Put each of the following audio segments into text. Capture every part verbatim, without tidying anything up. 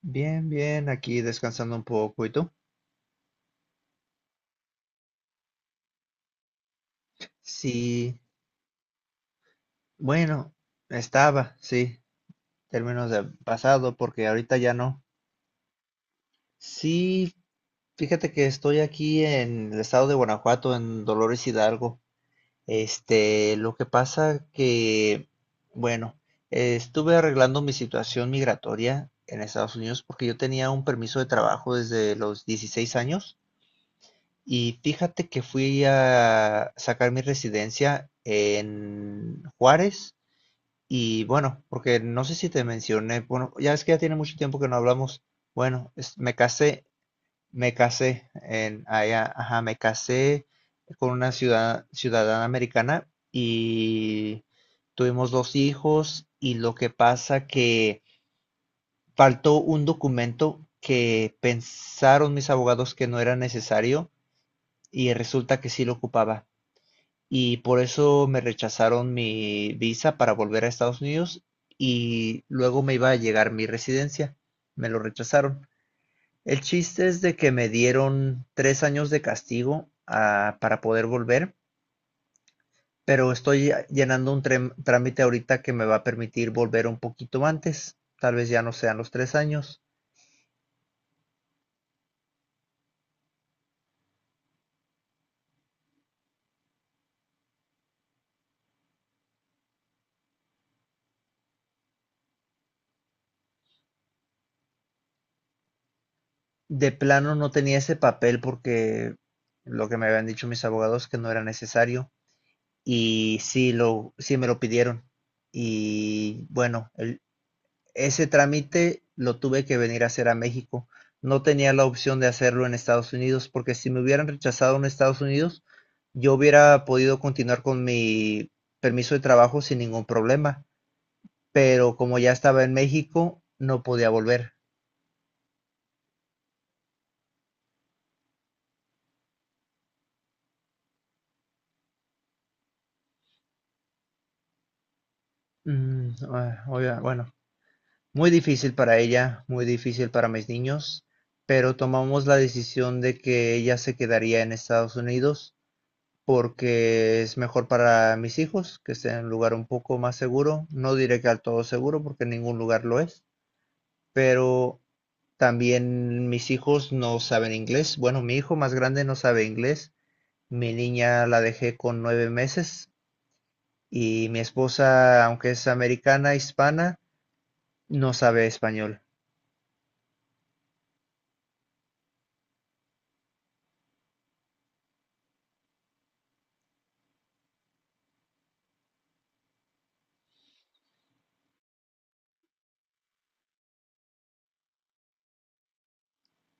Bien, bien, aquí descansando un poco. ¿Y tú? Sí, bueno, estaba, sí, términos de pasado, porque ahorita ya no. Sí, fíjate que estoy aquí en el estado de Guanajuato, en Dolores Hidalgo. Este, lo que pasa que, bueno, eh, estuve arreglando mi situación migratoria en Estados Unidos porque yo tenía un permiso de trabajo desde los dieciséis años. Y fíjate que fui a sacar mi residencia en Juárez y bueno, porque no sé si te mencioné, bueno, ya es que ya tiene mucho tiempo que no hablamos. Bueno, es- me casé, me casé en allá, ajá, me casé con una ciudad, ciudadana americana y tuvimos dos hijos y lo que pasa que faltó un documento que pensaron mis abogados que no era necesario y resulta que sí lo ocupaba y por eso me rechazaron mi visa para volver a Estados Unidos y luego me iba a llegar mi residencia. Me lo rechazaron. El chiste es de que me dieron tres años de castigo ah, para poder volver, pero estoy llenando un trem- trámite ahorita que me va a permitir volver un poquito antes. Tal vez ya no sean los tres años. De plano no tenía ese papel porque lo que me habían dicho mis abogados que no era necesario. Y sí, lo, sí me lo pidieron. Y bueno, el- ese trámite lo tuve que venir a hacer a México. No tenía la opción de hacerlo en Estados Unidos porque si me hubieran rechazado en Estados Unidos, yo hubiera podido continuar con mi permiso de trabajo sin ningún problema. Pero como ya estaba en México, no podía volver. Mm, ah, oiga, bueno. Muy difícil para ella, muy difícil para mis niños, pero tomamos la decisión de que ella se quedaría en Estados Unidos porque es mejor para mis hijos que esté en un lugar un poco más seguro. No diré que al todo seguro porque ningún lugar lo es, pero también mis hijos no saben inglés. Bueno, mi hijo más grande no sabe inglés. Mi niña la dejé con nueve meses y mi esposa, aunque es americana, hispana, no sabe español.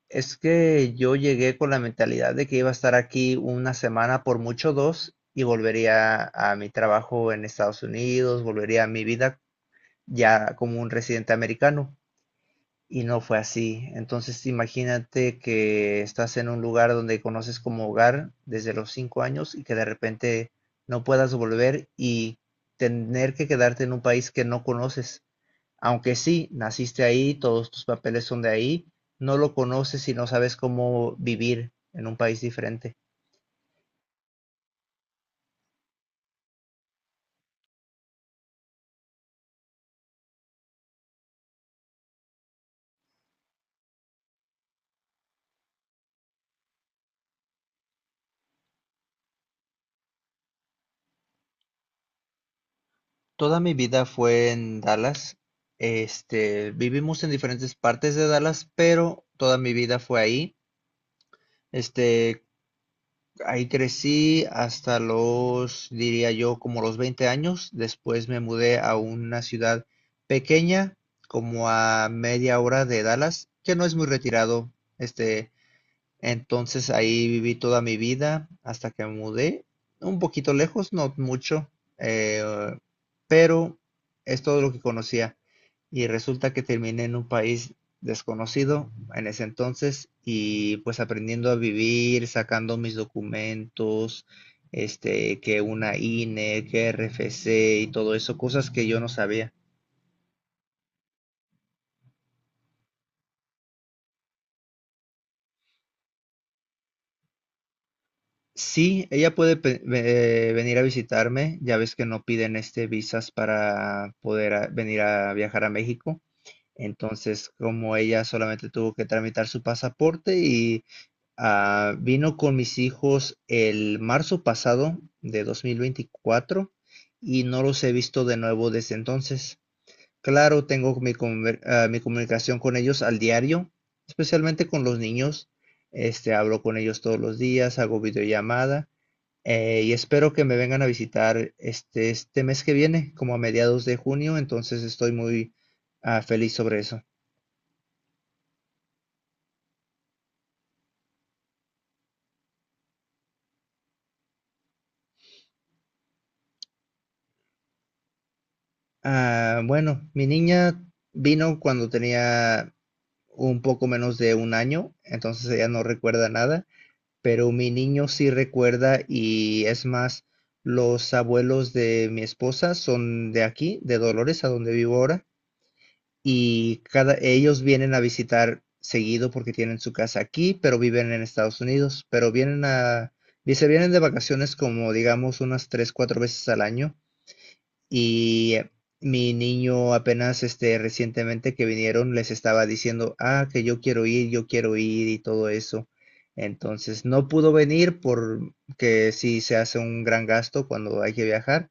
Es que yo llegué con la mentalidad de que iba a estar aquí una semana, por mucho dos, y volvería a mi trabajo en Estados Unidos, volvería a mi vida ya como un residente americano. Y no fue así. Entonces imagínate que estás en un lugar donde conoces como hogar desde los cinco años y que de repente no puedas volver y tener que quedarte en un país que no conoces. Aunque sí, naciste ahí, todos tus papeles son de ahí, no lo conoces y no sabes cómo vivir en un país diferente. Toda mi vida fue en Dallas. Este, vivimos en diferentes partes de Dallas, pero toda mi vida fue ahí. Este, ahí crecí hasta los, diría yo, como los veinte años. Después me mudé a una ciudad pequeña, como a media hora de Dallas, que no es muy retirado. Este, Entonces ahí viví toda mi vida hasta que me mudé, un poquito lejos, no mucho, eh, pero es todo lo que conocía. Y resulta que terminé en un país desconocido en ese entonces y pues aprendiendo a vivir, sacando mis documentos, este, que una I N E, que R F C y todo eso, cosas que yo no sabía. Sí, ella puede pe- ve- eh, venir a visitarme. Ya ves que no piden este visas para poder a- venir a viajar a México. Entonces, como ella solamente tuvo que tramitar su pasaporte y ah, vino con mis hijos el marzo pasado de dos mil veinticuatro y no los he visto de nuevo desde entonces. Claro, tengo mi, conver- ah, mi comunicación con ellos al diario, especialmente con los niños. Este, hablo con ellos todos los días, hago videollamada eh, y espero que me vengan a visitar este, este mes que viene, como a mediados de junio, entonces estoy muy ah, feliz sobre eso. Ah, bueno, mi niña vino cuando tenía un poco menos de un año, entonces ella no recuerda nada, pero mi niño sí recuerda y es más, los abuelos de mi esposa son de aquí, de Dolores, a donde vivo ahora, y cada, ellos vienen a visitar seguido porque tienen su casa aquí, pero viven en Estados Unidos, pero vienen a, y se vienen de vacaciones como digamos unas tres, cuatro veces al año y mi niño apenas este recientemente que vinieron les estaba diciendo, ah, que yo quiero ir, yo quiero ir y todo eso. Entonces no pudo venir porque sí se hace un gran gasto cuando hay que viajar,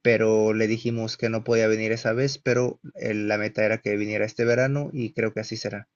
pero le dijimos que no podía venir esa vez, pero eh, la meta era que viniera este verano y creo que así será.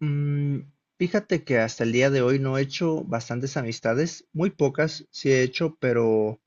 Mm, fíjate que hasta el día de hoy no he hecho bastantes amistades, muy pocas sí he hecho, pero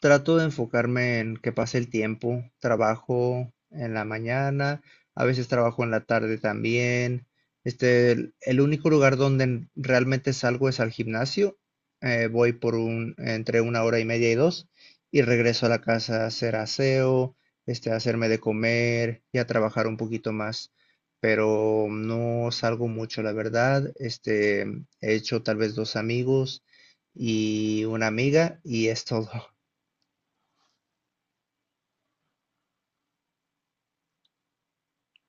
trato de enfocarme en que pase el tiempo. Trabajo en la mañana, a veces trabajo en la tarde también. Este, el, el único lugar donde en- realmente salgo es al gimnasio. Eh, voy por un, entre una hora y media y dos, y regreso a la casa a hacer aseo, este, a hacerme de comer y a trabajar un poquito más. Pero no salgo mucho, la verdad. Este, he hecho tal vez dos amigos y una amiga, y es todo.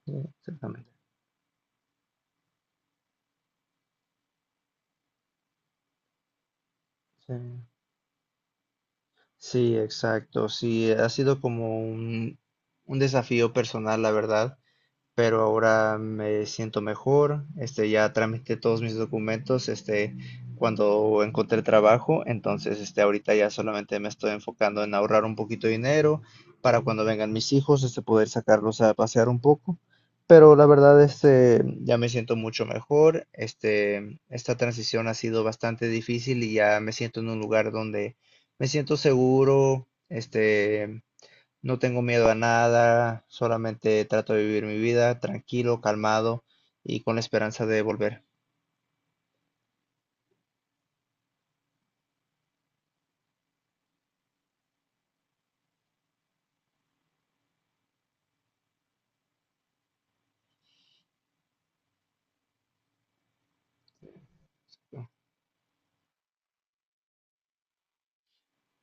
Sí, exactamente. Sí. Sí, exacto. Sí, ha sido como un, un desafío personal, la verdad. Pero ahora me siento mejor, este, ya tramité todos mis documentos, este, cuando encontré trabajo, entonces, este, ahorita ya solamente me estoy enfocando en ahorrar un poquito de dinero para cuando vengan mis hijos, este, poder sacarlos a pasear un poco, pero la verdad, este, ya me siento mucho mejor, este, esta transición ha sido bastante difícil y ya me siento en un lugar donde me siento seguro, este, no tengo miedo a nada, solamente trato de vivir mi vida tranquilo, calmado y con la esperanza de volver.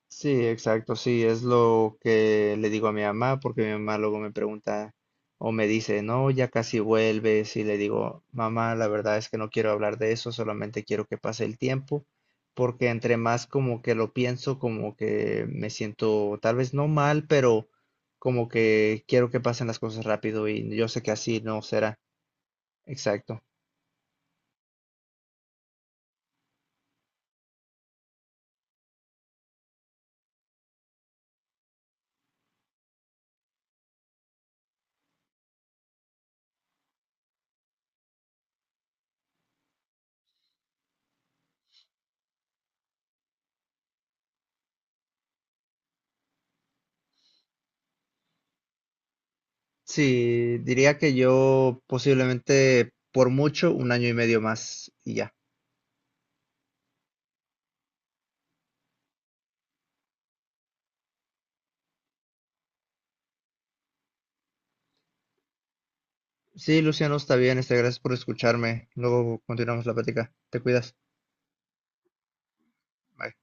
Sí, exacto, sí, es lo que le digo a mi mamá, porque mi mamá luego me pregunta o me dice, no, ya casi vuelves, y le digo, mamá, la verdad es que no quiero hablar de eso, solamente quiero que pase el tiempo, porque entre más como que lo pienso, como que me siento tal vez no mal, pero como que quiero que pasen las cosas rápido y yo sé que así no será. Exacto. Sí, diría que yo posiblemente por mucho un año y medio más y ya. Sí, Luciano, está bien, este, gracias por escucharme. Luego continuamos la plática. Te cuidas. Bye.